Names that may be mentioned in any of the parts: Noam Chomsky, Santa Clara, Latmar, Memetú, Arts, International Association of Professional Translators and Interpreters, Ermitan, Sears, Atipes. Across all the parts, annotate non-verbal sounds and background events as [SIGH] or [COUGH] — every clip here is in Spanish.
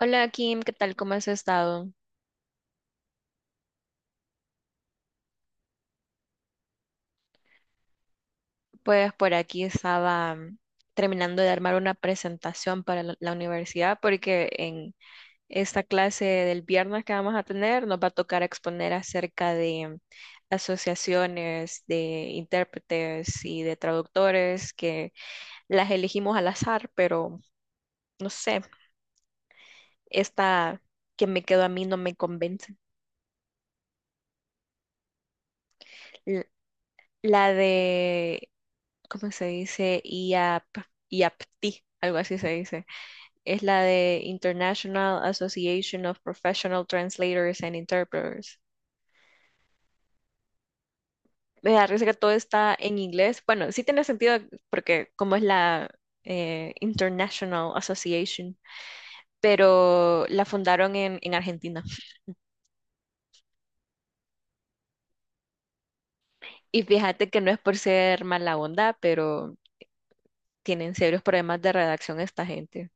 Hola Kim, ¿qué tal? ¿Cómo has estado? Pues por aquí estaba terminando de armar una presentación para la universidad porque en esta clase del viernes que vamos a tener nos va a tocar exponer acerca de asociaciones de intérpretes y de traductores que las elegimos al azar, pero no sé, esta que me quedó a mí no me convence. L- La de, ¿cómo se dice? IAP, IAPTI, algo así se dice es la de International Association of Professional Translators and Interpreters. Me da risa que todo está en inglés. Bueno, sí tiene sentido porque como es la International Association, pero la fundaron en Argentina. Y fíjate que no es por ser mala onda, pero tienen serios problemas de redacción esta gente.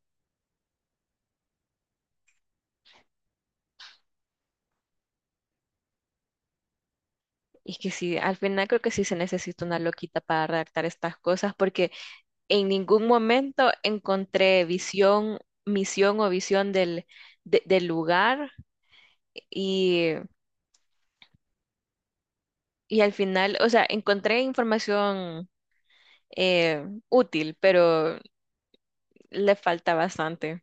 Y que sí, al final creo que sí se necesita una loquita para redactar estas cosas, porque en ningún momento encontré visión, misión o visión del lugar y, y al final, o sea, encontré información útil, pero le falta bastante.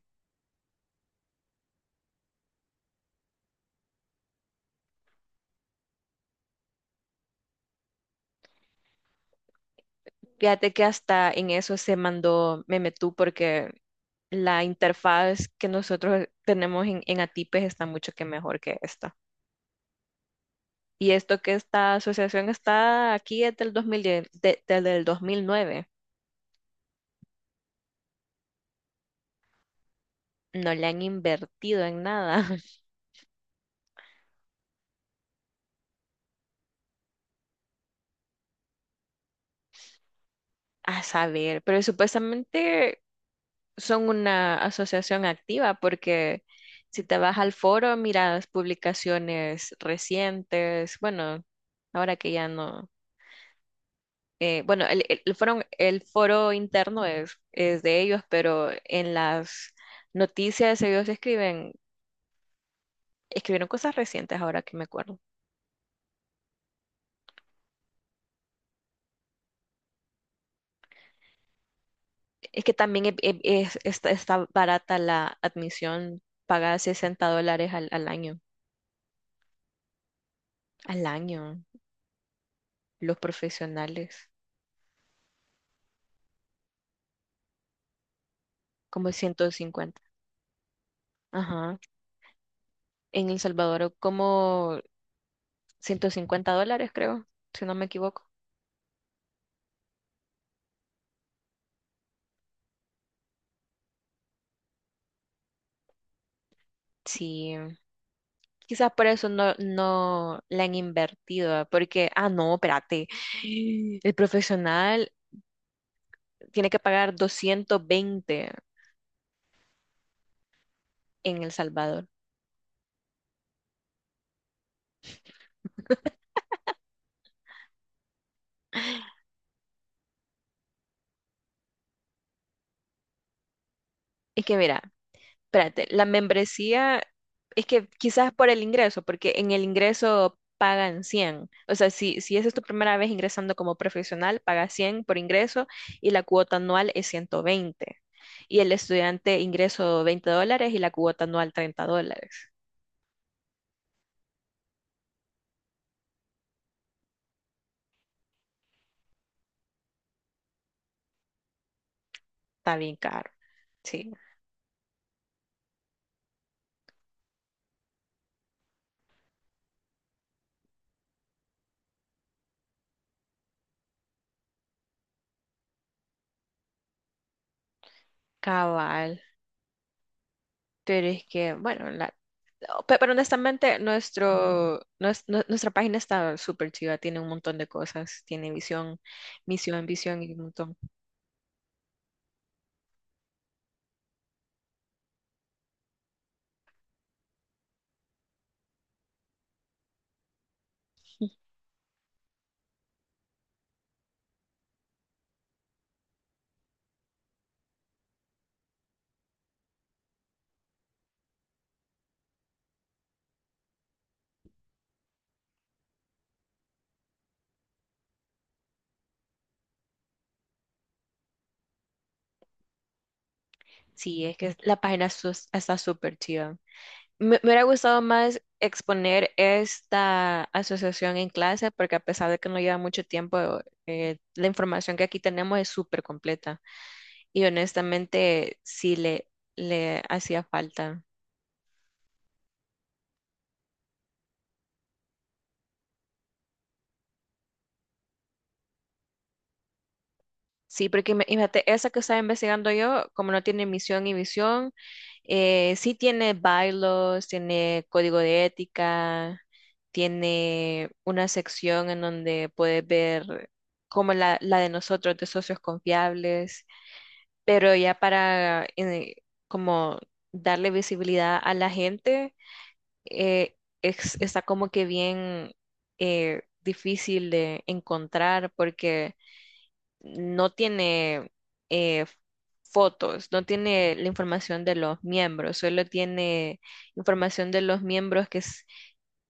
Fíjate que hasta en eso se mandó Memetú porque la interfaz que nosotros tenemos en Atipes está mucho que mejor que esta. Y esto que esta asociación está aquí es del 2010, desde el 2009. No le han invertido en nada, [LAUGHS] a saber, pero supuestamente son una asociación activa porque si te vas al foro, miras publicaciones recientes, bueno, ahora que ya no, bueno, el foro interno es de ellos, pero en las noticias ellos escriben. Escribieron cosas recientes ahora que me acuerdo. Es que también está barata la admisión, paga $60 al año. Al año, los profesionales, como 150. Ajá. En El Salvador, como $150, creo, si no me equivoco. Sí. Quizás por eso no la han invertido, ¿ah? Porque, ah, no, espérate. El profesional tiene que pagar 220 en El Salvador. Es que mira, espérate, la membresía es que quizás por el ingreso, porque en el ingreso pagan 100. O sea, si esa es tu primera vez ingresando como profesional, pagas 100 por ingreso y la cuota anual es 120. Y el estudiante ingreso $20 y la cuota anual $30. Está bien caro. Sí, cabal. Pero es que, bueno, no, pero honestamente, nuestra página está súper chida, tiene un montón de cosas, tiene visión, misión, visión y un montón. Sí, es que la página está súper chida. Me hubiera gustado más exponer esta asociación en clase porque a pesar de que no lleva mucho tiempo, la información que aquí tenemos es súper completa y honestamente sí le hacía falta. Sí, porque imagínate, esa que estaba investigando yo, como no tiene misión y visión, sí tiene bylaws, tiene código de ética, tiene una sección en donde puedes ver como la de nosotros, de socios confiables, pero ya para como darle visibilidad a la gente, eh, está como que bien difícil de encontrar porque no tiene eh, fotos, no tiene la información de los miembros, solo tiene información de los miembros que es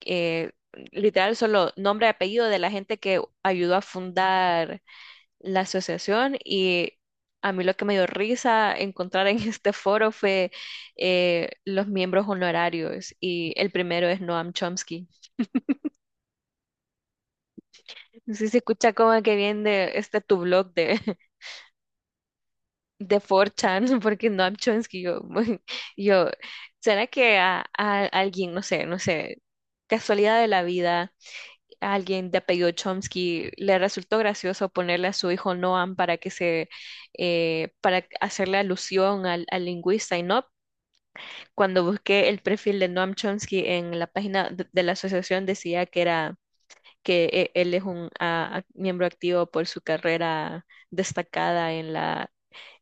eh, literal solo nombre y apellido de la gente que ayudó a fundar la asociación y a mí lo que me dio risa encontrar en [LAUGHS] este foro fue los miembros honorarios y el primero es Noam Chomsky. Sí se escucha como que viene de este tu blog de 4chan, [LAUGHS] porque Noam Chomsky, yo, [LAUGHS] yo, ¿será que a alguien, no sé, no sé, casualidad de la vida, a alguien de apellido Chomsky le resultó gracioso ponerle a su hijo Noam para que se, para hacerle alusión al lingüista? Y no, cuando busqué el perfil de Noam Chomsky en la página de la asociación decía que era, que él es un miembro activo por su carrera destacada en la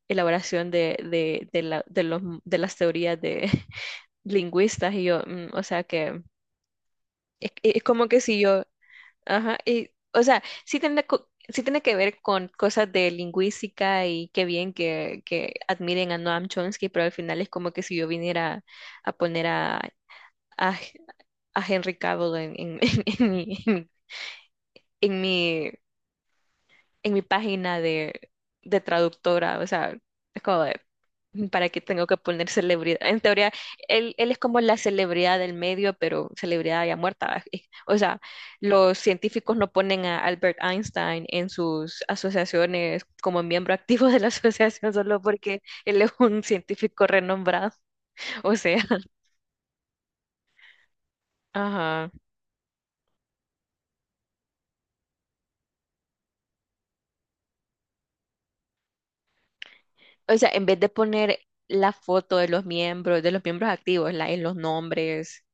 elaboración de las teorías de [LAUGHS] lingüistas y yo, o sea que es como que si yo, ajá, y, o sea, sí tiene, sí tiene que ver con cosas de lingüística y qué bien que admiren a Noam Chomsky, pero al final es como que si yo viniera a poner a, a Henry Cavill en, [LAUGHS] en mi, en mi, en mi en mi página de traductora, o sea, es como de, ¿para qué tengo que poner celebridad? En teoría, él es como la celebridad del medio, pero celebridad ya muerta. [LAUGHS] Y, o sea, los científicos no ponen a Albert Einstein en sus asociaciones como miembro activo de la [LAUGHS] asociación solo porque él es un científico renombrado. [LAUGHS] O sea, ajá. O sea, en vez de poner la foto de los miembros activos, en los nombres,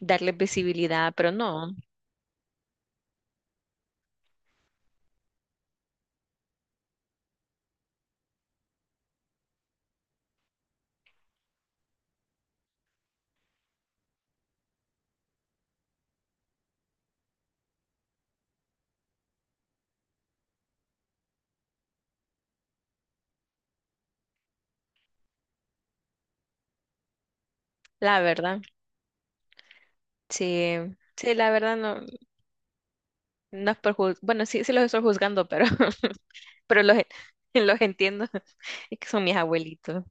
darle visibilidad, pero no. La verdad, sí, sí, la verdad no es por bueno, sí, sí los estoy juzgando, pero, [LAUGHS] pero los entiendo, [LAUGHS] es que son mis abuelitos.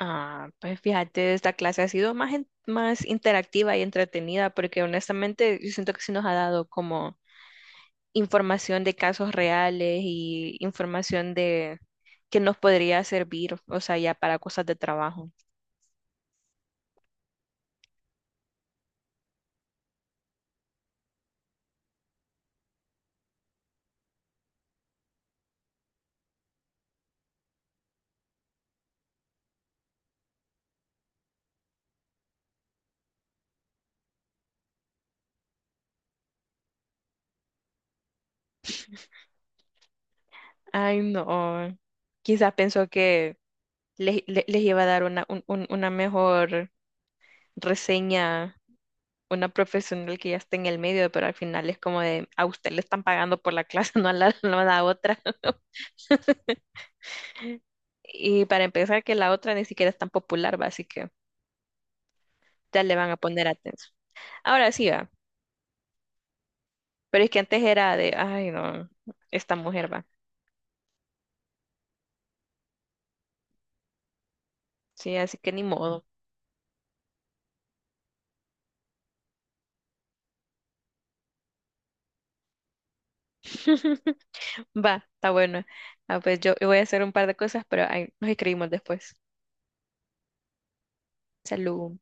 Ah, pues fíjate, esta clase ha sido más, más interactiva y entretenida, porque honestamente yo siento que sí nos ha dado como información de casos reales y información de que nos podría servir, o sea, ya para cosas de trabajo. Ay, no. Quizás pensó que les iba a dar una mejor reseña, una profesional que ya está en el medio, pero al final es como de, a usted le están pagando por la clase, [LAUGHS] no a la otra. Y para empezar, que la otra ni siquiera es tan popular, va, así que ya le van a poner atención. Ahora sí va, pero es que antes era de, ay, no, esta mujer va. Sí, así que ni modo. [LAUGHS] Va, está bueno. Ah, pues yo voy a hacer un par de cosas, pero ahí nos escribimos después. Salud.